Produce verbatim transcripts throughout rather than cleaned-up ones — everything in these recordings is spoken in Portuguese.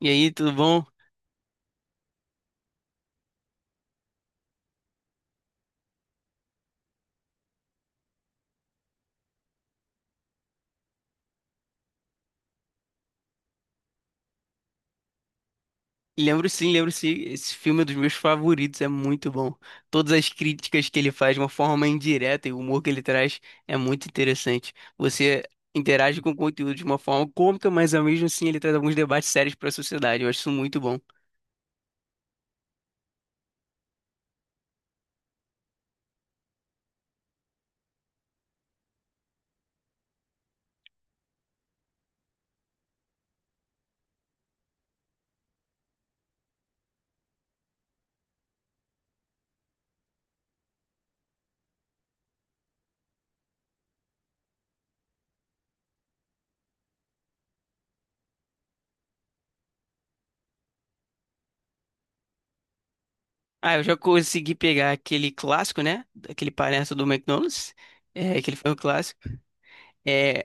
E aí, tudo bom? Lembro sim, lembro sim. Esse filme é dos meus favoritos, é muito bom. Todas as críticas que ele faz de uma forma indireta e o humor que ele traz é muito interessante. Você interage com o conteúdo de uma forma cômica, mas ao mesmo assim ele traz alguns debates sérios para a sociedade. Eu acho isso muito bom. Ah, eu já consegui pegar aquele clássico, né? Aquele palhaço do McDonald's, é, que ele foi um clássico. É.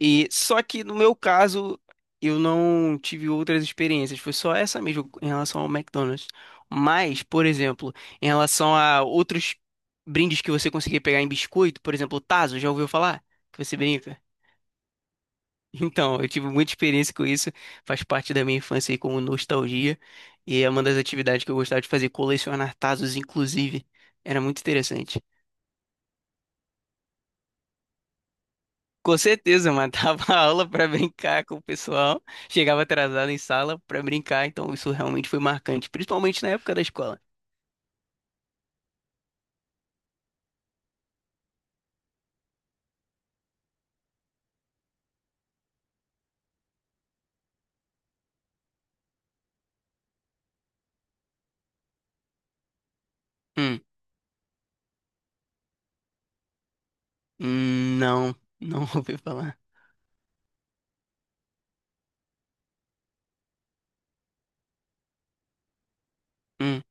E só que no meu caso, eu não tive outras experiências, foi só essa mesmo em relação ao McDonald's. Mas, por exemplo, em relação a outros brindes que você conseguia pegar em biscoito, por exemplo, o Tazo, já ouviu falar? Que você brinca? Então, eu tive muita experiência com isso, faz parte da minha infância aí como nostalgia, e é uma das atividades que eu gostava de fazer, colecionar Tazos, inclusive. Era muito interessante. Com certeza, matava a aula para brincar com o pessoal. Chegava atrasado em sala para brincar, então isso realmente foi marcante, principalmente na época da escola. Hum, hum, não, não ouvi falar. Hum,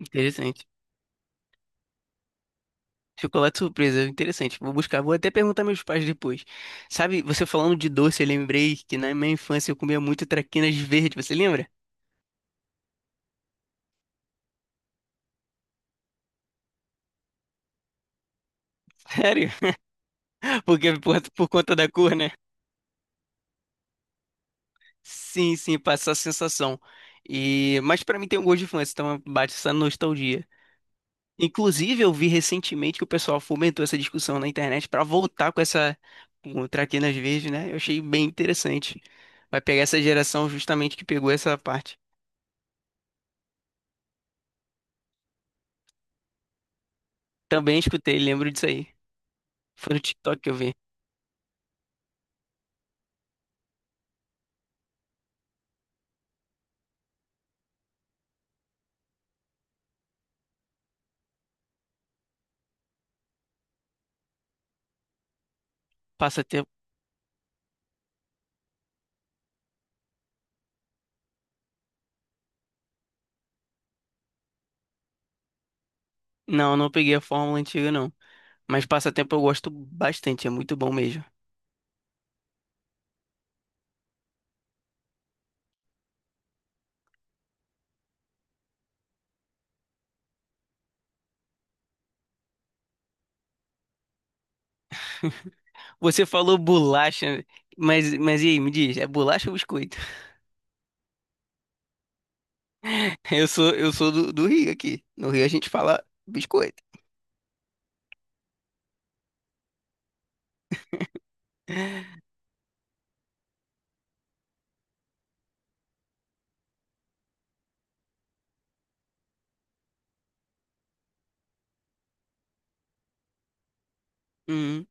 interessante. Chocolate surpresa, interessante. Vou buscar, vou até perguntar meus pais depois. Sabe, você falando de doce, eu lembrei que na minha infância eu comia muito traquinas verde, você lembra? Sério? Porque por, por conta da cor, né? Sim, sim, passa a sensação. E, mas pra mim tem um gosto de infância, então bate essa nostalgia. Inclusive, eu vi recentemente que o pessoal fomentou essa discussão na internet para voltar com essa com traquinas verdes, né? Eu achei bem interessante. Vai pegar essa geração justamente que pegou essa parte. Também escutei, lembro disso aí. Foi no TikTok que eu vi. Passatempo. Não, não peguei a fórmula antiga, não. Mas passatempo eu gosto bastante, é muito bom mesmo. Você falou bolacha, mas, mas e aí, me diz, é bolacha ou biscoito? Eu sou, eu sou do, do Rio aqui. No Rio a gente fala biscoito. Hum.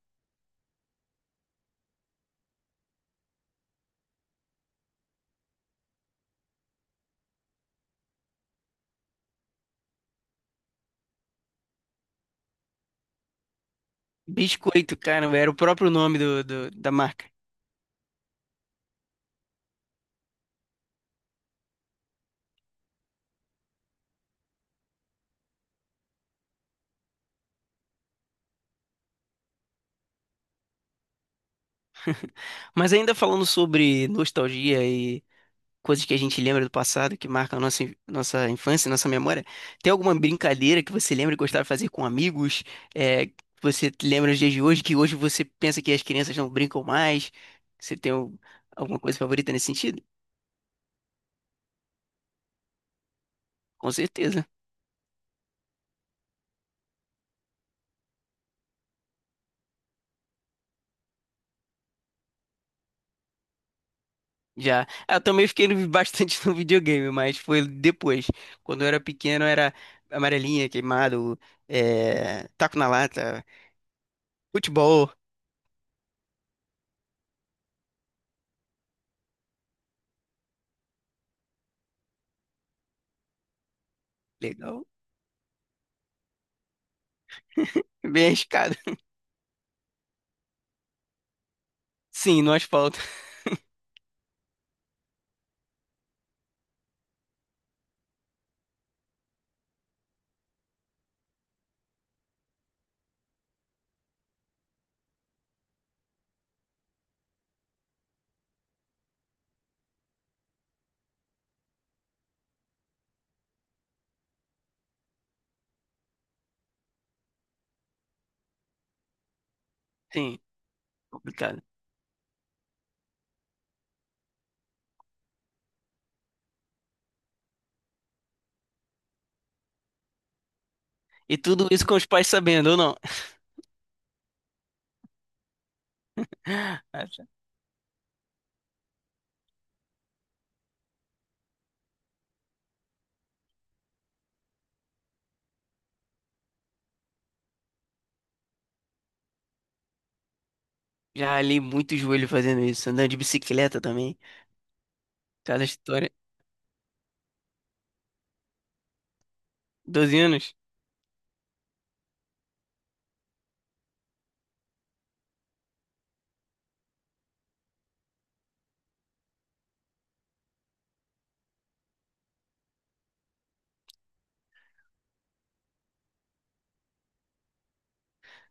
Biscoito, cara, era o próprio nome do, do- da marca. Mas ainda falando sobre nostalgia e coisas que a gente lembra do passado, que marcam a nossa, in- nossa infância, nossa memória, tem alguma brincadeira que você lembra e gostava de fazer com amigos? É, que você lembra nos dias de hoje, que hoje você pensa que as crianças não brincam mais? Você tem al- alguma coisa favorita nesse sentido? Com certeza. Já. Ah, eu também fiquei no- bastante no videogame, mas foi depois. Quando eu era pequeno, era amarelinha, queimado, é, taco na lata, futebol. Legal. Bem arriscado. Sim, no asfalto. Sim, complicado. E tudo isso com os pais sabendo, ou não? Ah, tá. Já ralei muito o joelho fazendo isso. Andando de bicicleta também. Cada história. Doze anos?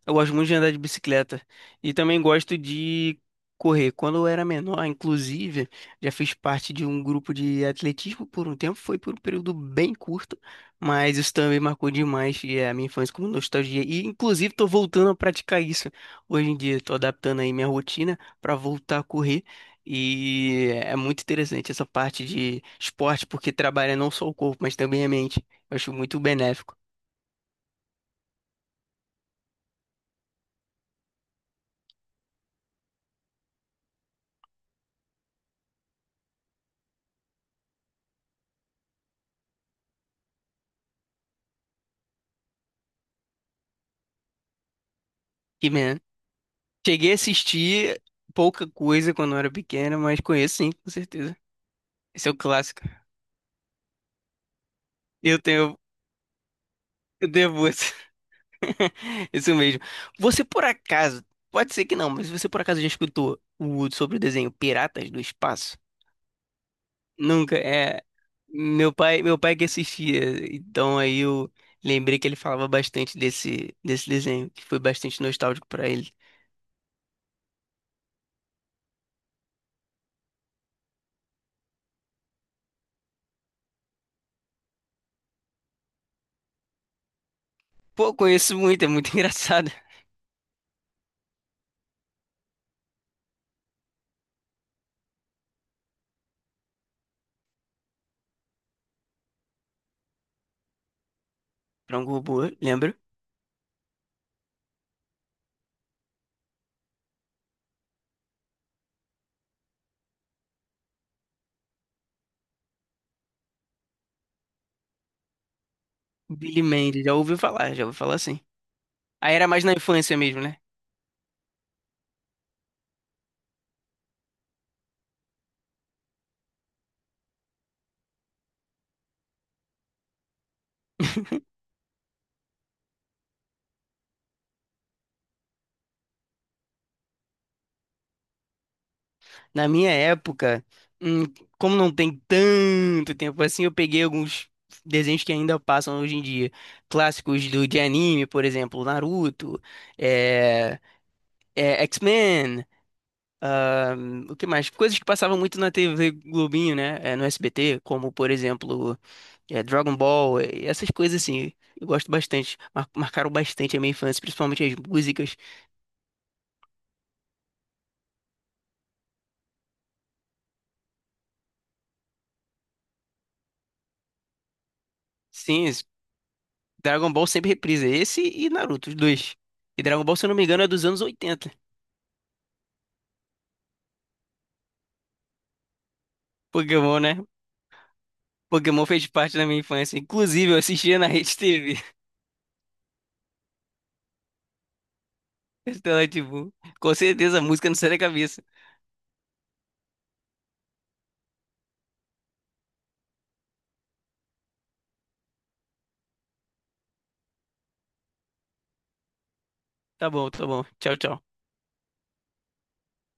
Eu gosto muito de andar de bicicleta e também gosto de correr. Quando eu era menor, inclusive, já fiz parte de um grupo de atletismo por um tempo, foi por um período bem curto, mas isso também marcou demais e é, a minha infância como nostalgia. E inclusive estou voltando a praticar isso. Hoje em dia estou adaptando aí minha rotina para voltar a correr. E é muito interessante essa parte de esporte, porque trabalha não só o corpo, mas também a mente. Eu acho muito benéfico. Cheguei a assistir pouca coisa quando eu era pequeno, mas conheço sim, com certeza. Esse é o clássico. Eu tenho, eu devo esse, isso mesmo. Você por acaso, pode ser que não, mas você por acaso já escutou o, sobre o desenho Piratas do Espaço? Nunca, é. Meu pai, meu pai que assistia, então aí eu lembrei que ele falava bastante desse, desse desenho, que foi bastante nostálgico pra ele. Pô, conheço muito, é muito engraçado. Frango Robô, lembra? Billy Mandy, já ouviu falar, já ouviu falar sim. Aí era mais na infância mesmo, né? Na minha época, hum, como não tem tanto tempo assim, eu peguei alguns desenhos que ainda passam hoje em dia. Clássicos do, de anime, por exemplo, Naruto, é, é, X-Men, hum, o que mais? Coisas que passavam muito na T V Globinho, né? É, no S B T, como, por exemplo, é, Dragon Ball, é, essas coisas assim. Eu gosto bastante, mar- marcaram bastante a minha infância, principalmente as músicas. Sim, Dragon Ball sempre reprisa esse e Naruto, os dois. E Dragon Ball, se eu não me engano, é dos anos oitenta. Pokémon, né? Pokémon fez parte da minha infância. Inclusive, eu assistia na Rede T V. Então, é, tipo, com certeza a música não sai da cabeça. Tá bom, tá bom. Tchau, tchau.